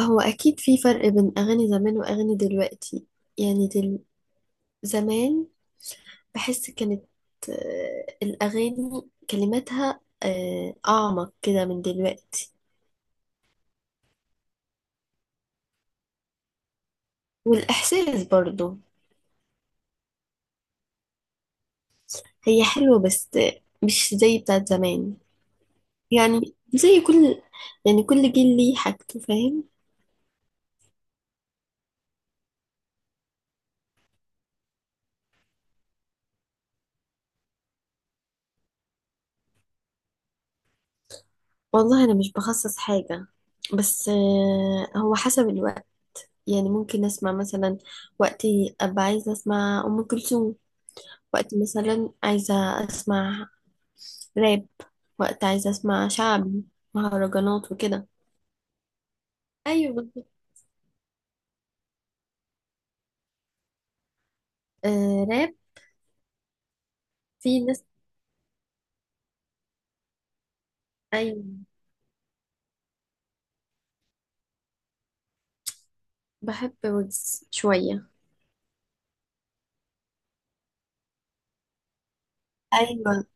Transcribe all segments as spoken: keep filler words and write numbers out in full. هو أكيد في فرق بين أغاني زمان وأغاني دلوقتي. يعني دل... زمان بحس كانت، آه، الأغاني كلماتها، آه، أعمق كده من دلوقتي، والإحساس برضو. هي حلوة بس مش زي بتاعت زمان. يعني زي كل يعني كل جيل ليه حاجته، فاهم. والله أنا مش بخصص حاجة، بس آه، هو حسب الوقت. يعني ممكن أسمع مثلا وقتي أبقى عايزة أسمع أم كلثوم، وقت مثلا عايزة أسمع راب، وقت عايزة أسمع شعبي، مهرجانات وكده. أيوة بالظبط. آه، راب. في ناس. أيوة، بحب ويجز شوية. أيوة،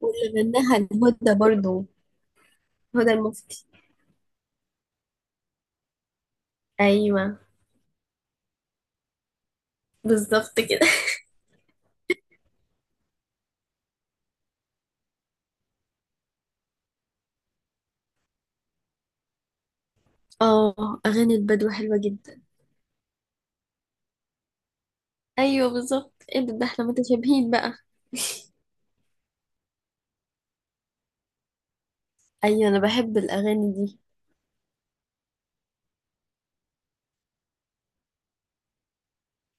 واللي غناها الهدى برضو، هدى المفتي. أيوة بالظبط كده. اه، أغاني البدو حلوة جدا. أيوة بالظبط. ايه ده ده احنا متشابهين بقى. أيوة أنا بحب الأغاني دي.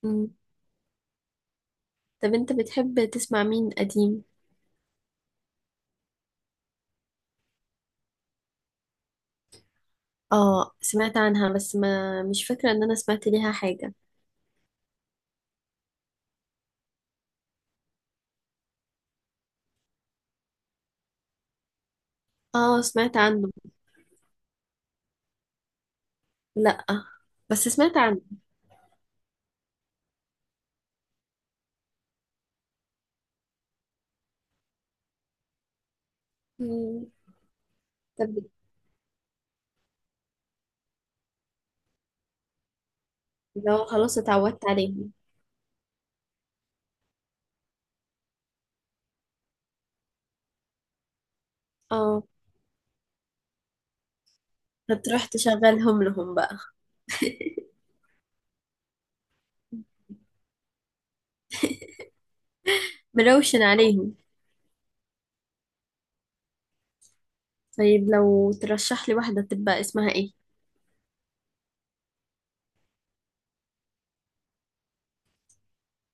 مم. طب أنت بتحب تسمع مين قديم؟ اه، سمعت عنها بس ما مش فاكرة ان انا سمعت ليها حاجة. اه، سمعت عنه. لا، بس سمعت عنه. مم. طب. لو خلاص اتعودت عليهم. اه. هتروح تشغلهم لهم بقى؟ مروشن عليهم. طيب، لو ترشح لي واحدة تبقى اسمها ايه؟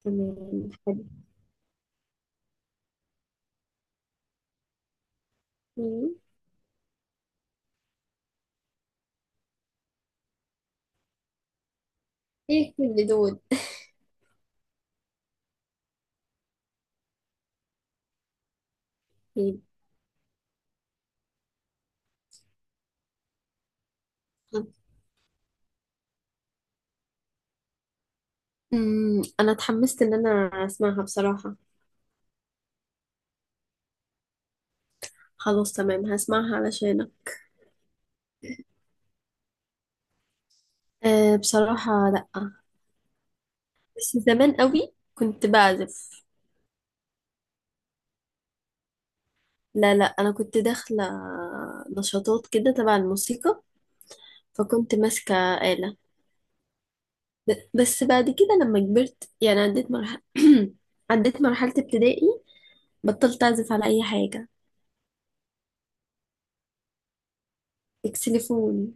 تمام، حلو. مم. ايه، كل دول؟ طيب. مم. انا اتحمست ان انا اسمعها بصراحة. خلاص، تمام، هسمعها علشانك. أه، بصراحة لأ. بس زمان قوي كنت بعزف. لا لا، انا كنت داخله نشاطات كده تبع الموسيقى، فكنت ماسكه آلة. ب- بس بعد كده لما كبرت يعني عديت مرحله، عديت مرحله ابتدائي، بطلت اعزف على اي حاجه. اكسليفون.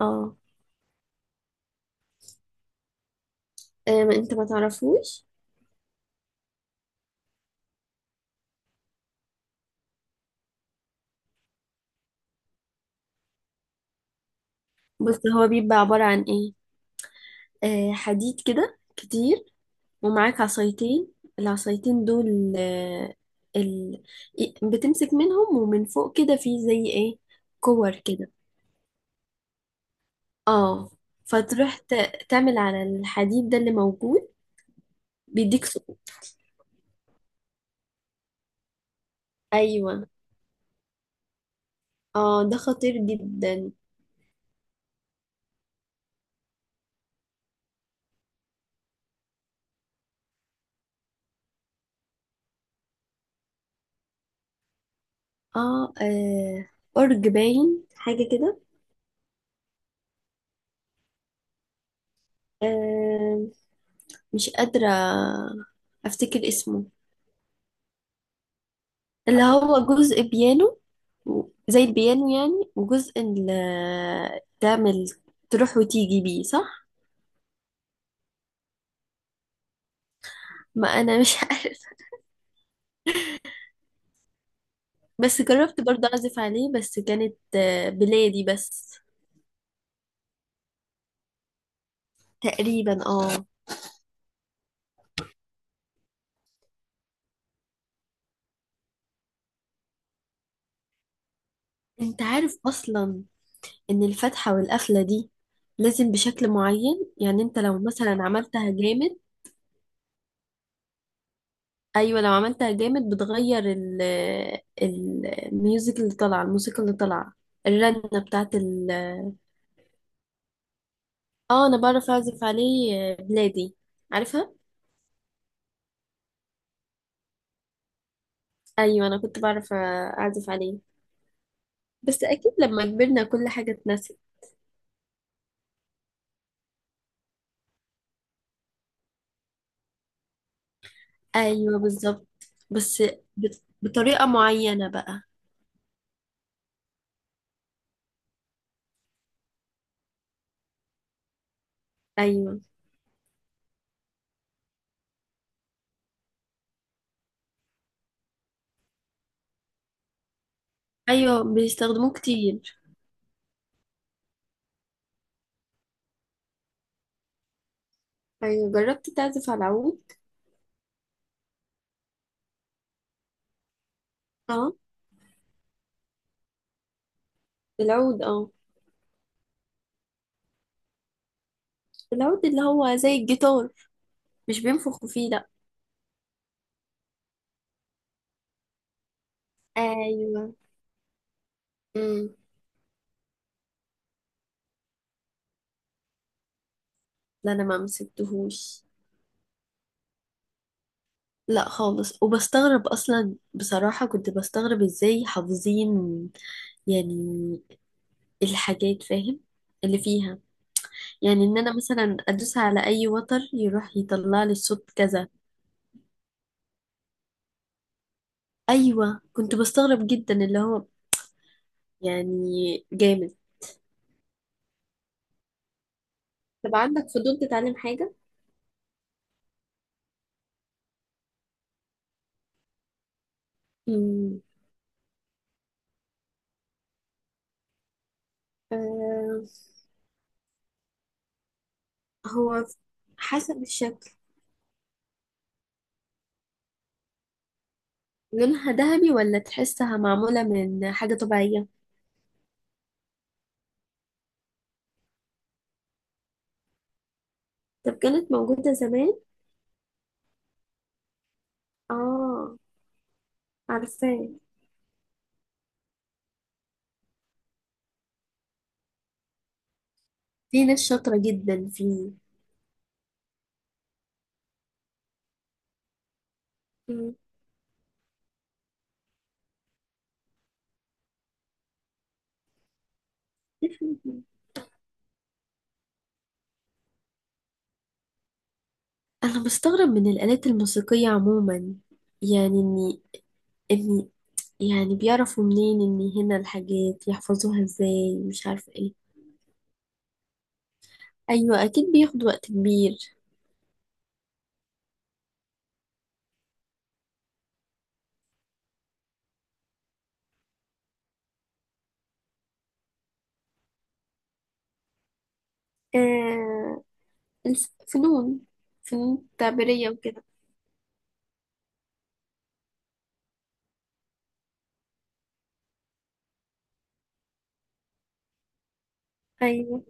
اه. آه، ما انت ما تعرفوش. بس هو بيبقى عباره عن ايه؟ آه حديد كده كتير، ومعاك عصايتين. العصايتين دول، آه ال... بتمسك منهم، ومن فوق كده في زي ايه، كور كده. اه. فتروح ت- تعمل على الحديد ده اللي موجود، بيديك سقوط. ايوه. اه، ده خطير جدا. اه. آه، ارج باين حاجه كده. آه. مش قادره افتكر اسمه. اللي هو جزء بيانو و- زي البيانو يعني، وجزء اللي تعمل تروح وتيجي بيه، صح. ما انا مش عارفه. بس جربت برضه اعزف عليه، بس كانت، آه، بلادي بس. تقريبا، اه. انت عارف اصلا ان الفتحة والقفلة دي لازم بشكل معين، يعني انت لو مثلا عملتها جامد. ايوه، لو عملتها جامد بتغير ال ال- الميوزك اللي طالعة، الموسيقى اللي طالعة، الرنة بتاعت ال. اه، انا بعرف اعزف عليه، آه، بلادي، عارفها. ايوه انا كنت بعرف آه، اعزف عليه. بس اكيد لما كبرنا كل حاجة اتنسي. ايوه بالظبط. بس بط- بطريقة معينة بقى. ايوه. ايوه، بيستخدموه كتير. أيوة، جربت تعزف على العود؟ اه. العود، اه. العود اللي هو زي الجيتار، مش بينفخوا فيه لأ. أيوة. امم. لا، أنا ما مسكتهوش. لا خالص، وبستغرب أصلا. بصراحة كنت بستغرب إزاي حافظين، يعني، الحاجات، فاهم اللي فيها، يعني إن أنا مثلا أدوس على أي وتر يروح يطلع لي الصوت كذا. أيوة، كنت بستغرب جدا اللي هو يعني جامد. طب عندك فضول تتعلم حاجة؟ امم. هو حسب الشكل. لونها ذهبي ولا تحسها معمولة من حاجة طبيعية؟ طب كانت موجودة زمان. اه، عارفاه. في ناس شاطرة جدا فيه. مم. أنا بستغرب من الآلات الموسيقية عموما، يعني إني إني، يعني بيعرفوا منين إن هنا الحاجات، يحفظوها إزاي، مش عارفة إيه. أيوة، أكيد بياخد وقت كبير. آه الفنون، فنون تعبيرية وكده. أيوة